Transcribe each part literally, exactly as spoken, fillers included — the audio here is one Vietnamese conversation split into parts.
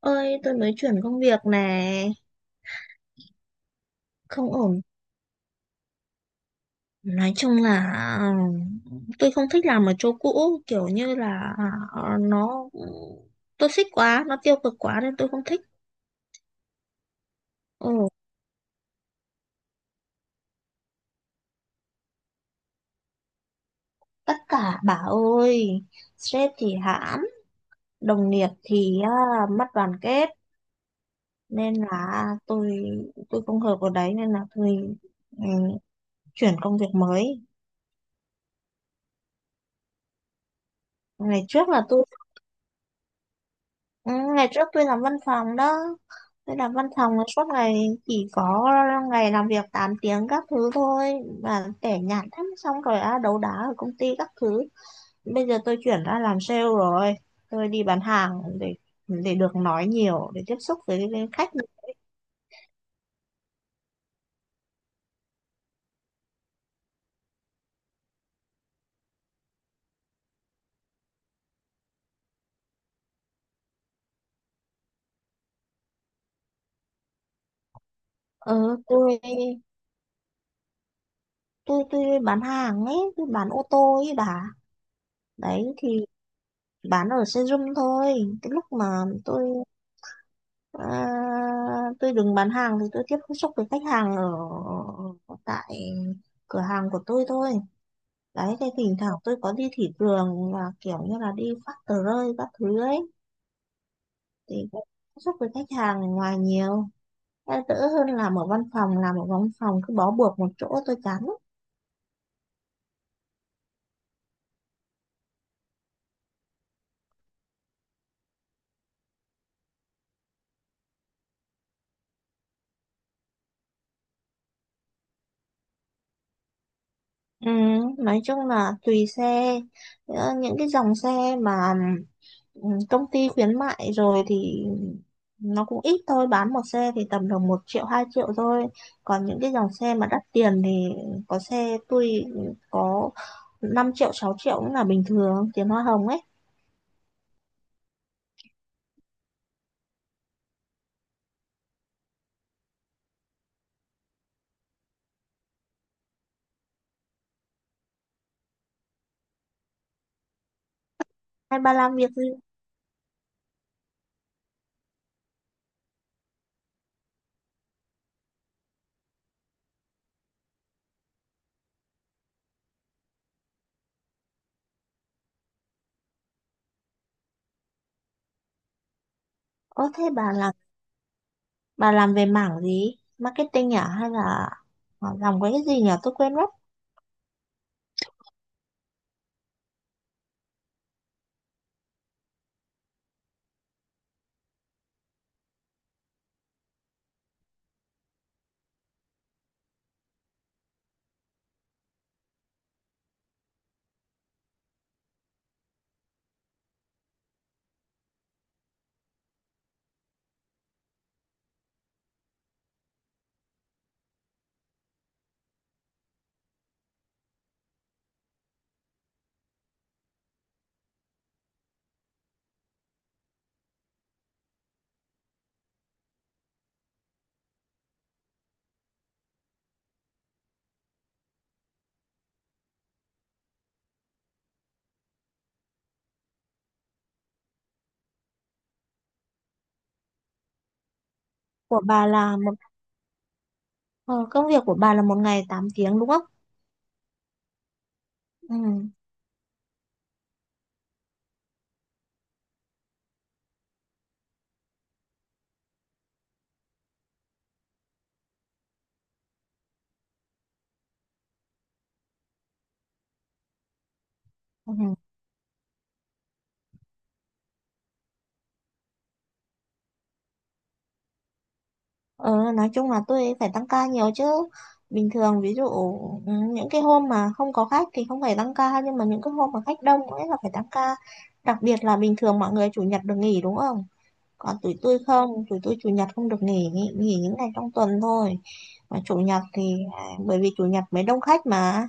Ơi, tôi mới chuyển công việc này. Không ổn. Nói chung là, ừ, tôi không thích làm ở chỗ cũ kiểu như là, ờ, nó toxic quá, nó tiêu cực quá nên tôi không thích. Ừ, tất cả bà ơi, sếp thì hãm, đồng nghiệp thì à, mất đoàn kết, nên là tôi tôi không hợp ở đấy, nên là tôi ừ, chuyển công việc mới. Ngày trước là tôi Ừ, ngày trước tôi làm văn phòng đó, tôi làm văn phòng là suốt ngày, chỉ có ngày làm việc tám tiếng các thứ thôi, mà tẻ nhạt lắm, xong rồi á, đấu đá ở công ty các thứ. Bây giờ tôi chuyển ra làm sale rồi, tôi đi bán hàng để để được nói nhiều, để tiếp xúc với, với khách. ừ, tôi tôi tôi bán hàng ấy, tôi bán ô tô ấy bà. Đấy thì bán ở showroom thôi. Cái lúc mà tôi À, tôi đứng bán hàng thì tôi tiếp xúc với khách hàng ở ở tại cửa hàng của tôi thôi. Đấy, thì thỉnh thoảng tôi có đi thị trường và kiểu như là đi phát tờ rơi các thứ ấy, thì cũng tiếp xúc với khách hàng ở ngoài nhiều. Đã đỡ hơn làm ở văn phòng, làm ở văn phòng cứ bó buộc một chỗ tôi chán. lắm. Ừ, nói chung là tùy xe. Ờ, những cái dòng xe mà ừ, công ty khuyến mại rồi thì nó cũng ít thôi, bán một xe thì tầm được một triệu, hai triệu thôi. Còn những cái dòng xe mà đắt tiền thì có xe tôi có năm triệu, sáu triệu cũng là bình thường, tiền hoa hồng ấy. Hay bà làm việc gì? Ơ, thế bà làm, bà làm về mảng gì, marketing à, hay là ờ, làm cái gì nhỉ, tôi quên mất. Của bà là một ờ, Công việc của bà là một ngày tám tiếng đúng không? Ừ. Ừ. Ờ, nói chung là tôi phải tăng ca nhiều chứ. Bình thường ví dụ ừ, những cái hôm mà không có khách thì không phải tăng ca, nhưng mà những cái hôm mà khách đông ấy là phải tăng ca. Đặc biệt là bình thường mọi người chủ nhật được nghỉ đúng không? Còn tụi tôi không, tụi tôi chủ nhật không được nghỉ, nghỉ, nghỉ những ngày trong tuần thôi. Mà chủ nhật thì à, bởi vì chủ nhật mới đông khách mà,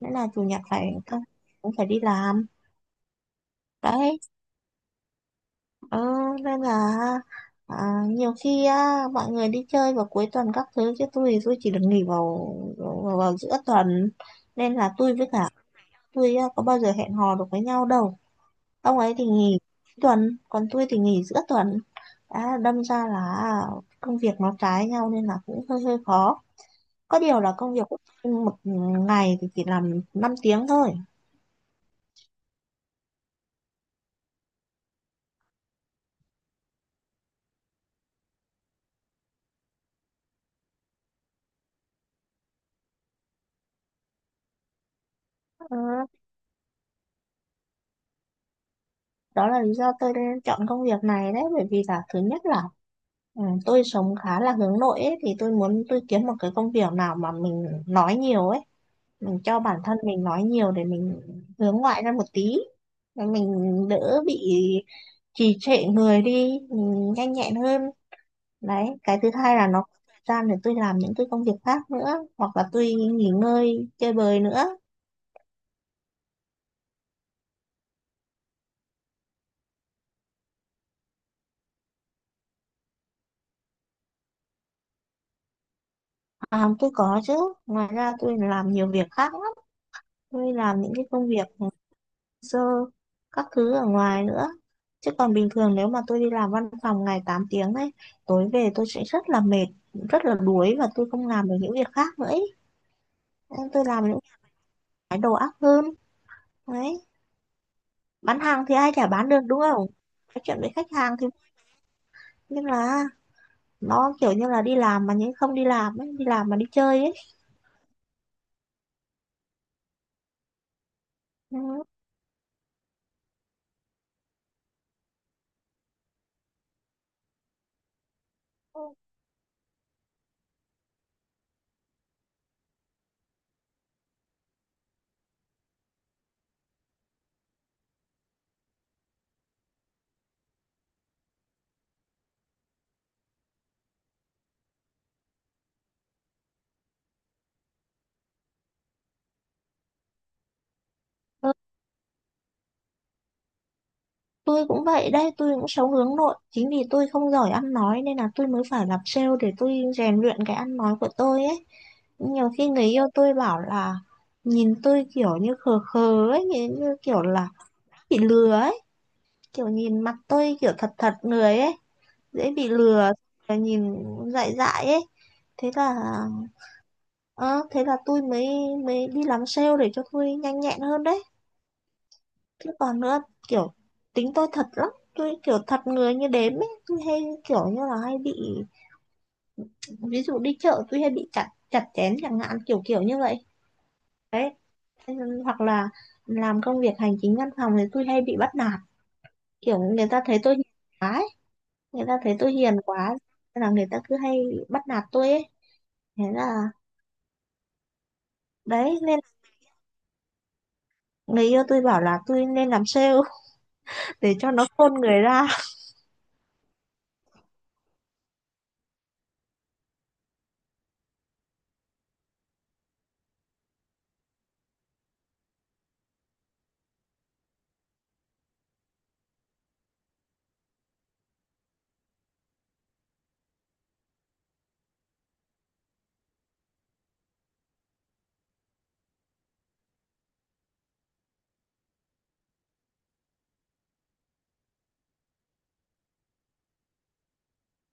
nên là chủ nhật phải tăng- cũng phải đi làm. Đấy, Ừ, nên là à, nhiều khi á, mọi người đi chơi vào cuối tuần các thứ, chứ tôi thì tôi chỉ được nghỉ vào, vào vào giữa tuần, nên là tôi với cả tôi á, có bao giờ hẹn hò được với nhau đâu. Ông ấy thì nghỉ tuần còn tôi thì nghỉ giữa tuần, đã đâm ra là à, công việc nó trái nhau nên là cũng hơi hơi khó. Có điều là công việc của tôi một ngày thì chỉ làm năm tiếng thôi. Ừ, đó là lý do tôi chọn công việc này đấy, bởi vì là thứ nhất là Ừ, tôi sống khá là hướng nội ấy, thì tôi muốn tôi kiếm một cái công việc nào mà mình nói nhiều ấy, mình cho bản thân mình nói nhiều để mình hướng ngoại ra một tí, để mình đỡ bị trì trệ người đi, mình nhanh nhẹn hơn. Đấy, cái thứ hai là nó có thời gian để tôi làm những cái công việc khác nữa, hoặc là tôi nghỉ ngơi chơi bời nữa. À, tôi có chứ, ngoài ra tôi làm nhiều việc khác lắm. Tôi làm những cái công việc dơ các thứ ở ngoài nữa, chứ còn bình thường nếu mà tôi đi làm văn phòng ngày tám tiếng ấy, tối về tôi sẽ rất là mệt, rất là đuối và tôi không làm được những việc khác nữa ấy. Nên tôi làm những cái đầu óc hơn. Đấy, bán hàng thì ai chả bán được đúng không, nói chuyện với khách hàng thì, nhưng là nó kiểu như là đi làm mà nhưng không đi làm ấy, đi làm mà đi chơi ấy. Ừ. Tôi cũng vậy đấy, tôi cũng sống hướng nội. Chính vì tôi không giỏi ăn nói nên là tôi mới phải làm sale để tôi rèn luyện cái ăn nói của tôi ấy. Nhiều khi người yêu tôi bảo là nhìn tôi kiểu như khờ khờ ấy, nhìn như kiểu là bị lừa ấy. Kiểu nhìn mặt tôi kiểu thật thật người ấy, dễ bị lừa, rồi nhìn dại dại ấy. Thế là, ờ, thế là tôi mới mới đi làm sale để cho tôi nhanh nhẹn hơn đấy. Chứ còn nữa, kiểu tính tôi thật lắm, tôi kiểu thật người như đếm ấy, tôi hay kiểu như là hay bị, ví dụ đi chợ tôi hay bị chặt chặt chém chẳng hạn, kiểu kiểu như vậy. Đấy, hoặc là làm công việc hành chính văn phòng thì tôi hay bị bắt nạt, kiểu người ta thấy tôi hiền quá ấy. Người ta thấy tôi hiền quá nên là người ta cứ hay bắt nạt tôi ấy, thế là đấy, nên người yêu tôi bảo là tôi nên làm sale để cho nó khôn người ra.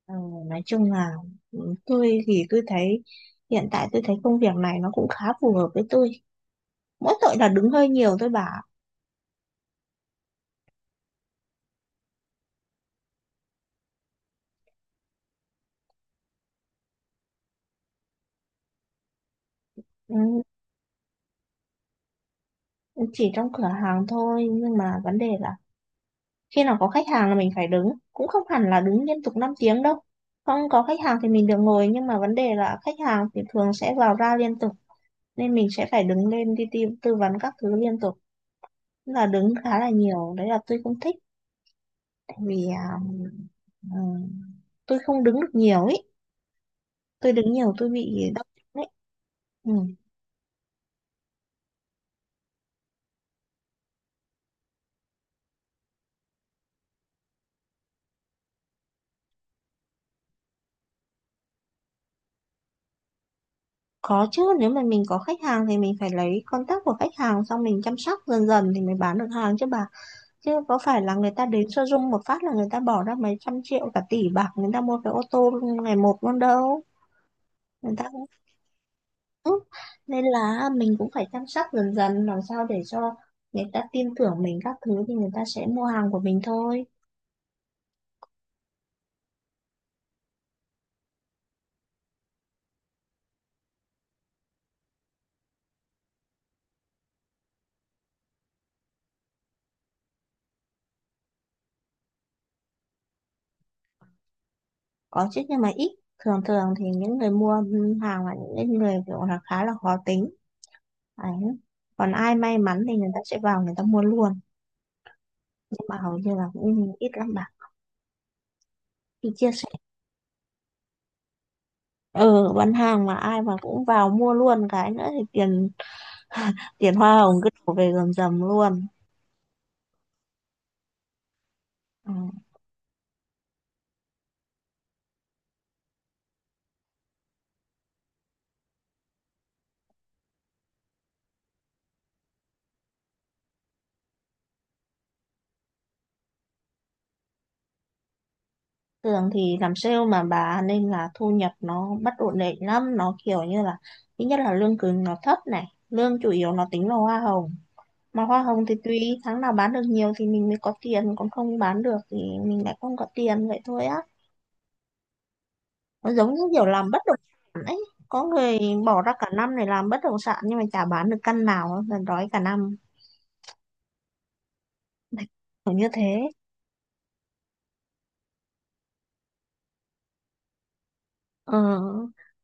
Ờ, nói chung là ừ, tôi thì tôi thấy, hiện tại tôi thấy công việc này nó cũng khá phù hợp với tôi. Mỗi tội là đứng hơi nhiều, tôi bảo. Ừ, chỉ trong cửa hàng thôi nhưng mà vấn đề là khi nào có khách hàng là mình phải đứng, cũng không hẳn là đứng liên tục năm tiếng đâu. Không có khách hàng thì mình được ngồi, nhưng mà vấn đề là khách hàng thì thường sẽ vào ra liên tục, nên mình sẽ phải đứng lên đi tư, tư vấn các thứ liên tục. Tức là đứng khá là nhiều, đấy là tôi không thích, tại vì à, ừ, tôi không đứng được nhiều ý, tôi đứng nhiều tôi bị đau chân đấy. Ừ. Có chứ, nếu mà mình có khách hàng thì mình phải lấy contact của khách hàng, xong mình chăm sóc dần dần thì mới bán được hàng chứ bà, chứ có phải là người ta đến showroom một phát là người ta bỏ ra mấy trăm triệu, cả tỷ bạc, người ta mua cái ô tô ngày một luôn đâu. Người ta cũng, ừ, nên là mình cũng phải chăm sóc dần dần, làm sao để cho người ta tin tưởng mình các thứ thì người ta sẽ mua hàng của mình thôi. Có chứ, nhưng mà ít. Thường thường thì những người mua hàng là những người kiểu là khá là khó tính. Đấy. Còn ai may mắn thì người ta sẽ vào người ta mua luôn, nhưng mà hầu như là cũng ít lắm bạn. Khi chia sẻ, ờ bán hàng mà ai mà cũng vào mua luôn cái nữa thì tiền tiền hoa hồng cứ đổ về rầm rầm luôn. Ừ. Thường thì làm sale mà bà, nên là thu nhập nó bất ổn định lắm, nó kiểu như là thứ nhất là lương cứng nó thấp này, lương chủ yếu nó tính là hoa hồng, mà hoa hồng thì tùy tháng nào bán được nhiều thì mình mới có tiền, còn không bán được thì mình lại không có tiền vậy thôi á. Nó giống như kiểu làm bất động sản ấy. Có người bỏ ra cả năm để làm bất động sản nhưng mà chả bán được căn nào, là đói cả năm. Kiểu như thế. Ờ.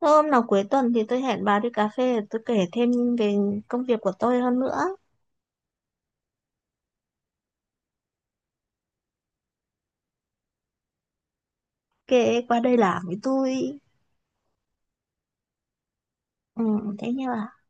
Thôi, hôm nào cuối tuần thì tôi hẹn bà đi cà phê, tôi kể thêm về công việc của tôi hơn nữa. Kể qua đây làm với tôi. Ừ, thế nha bà.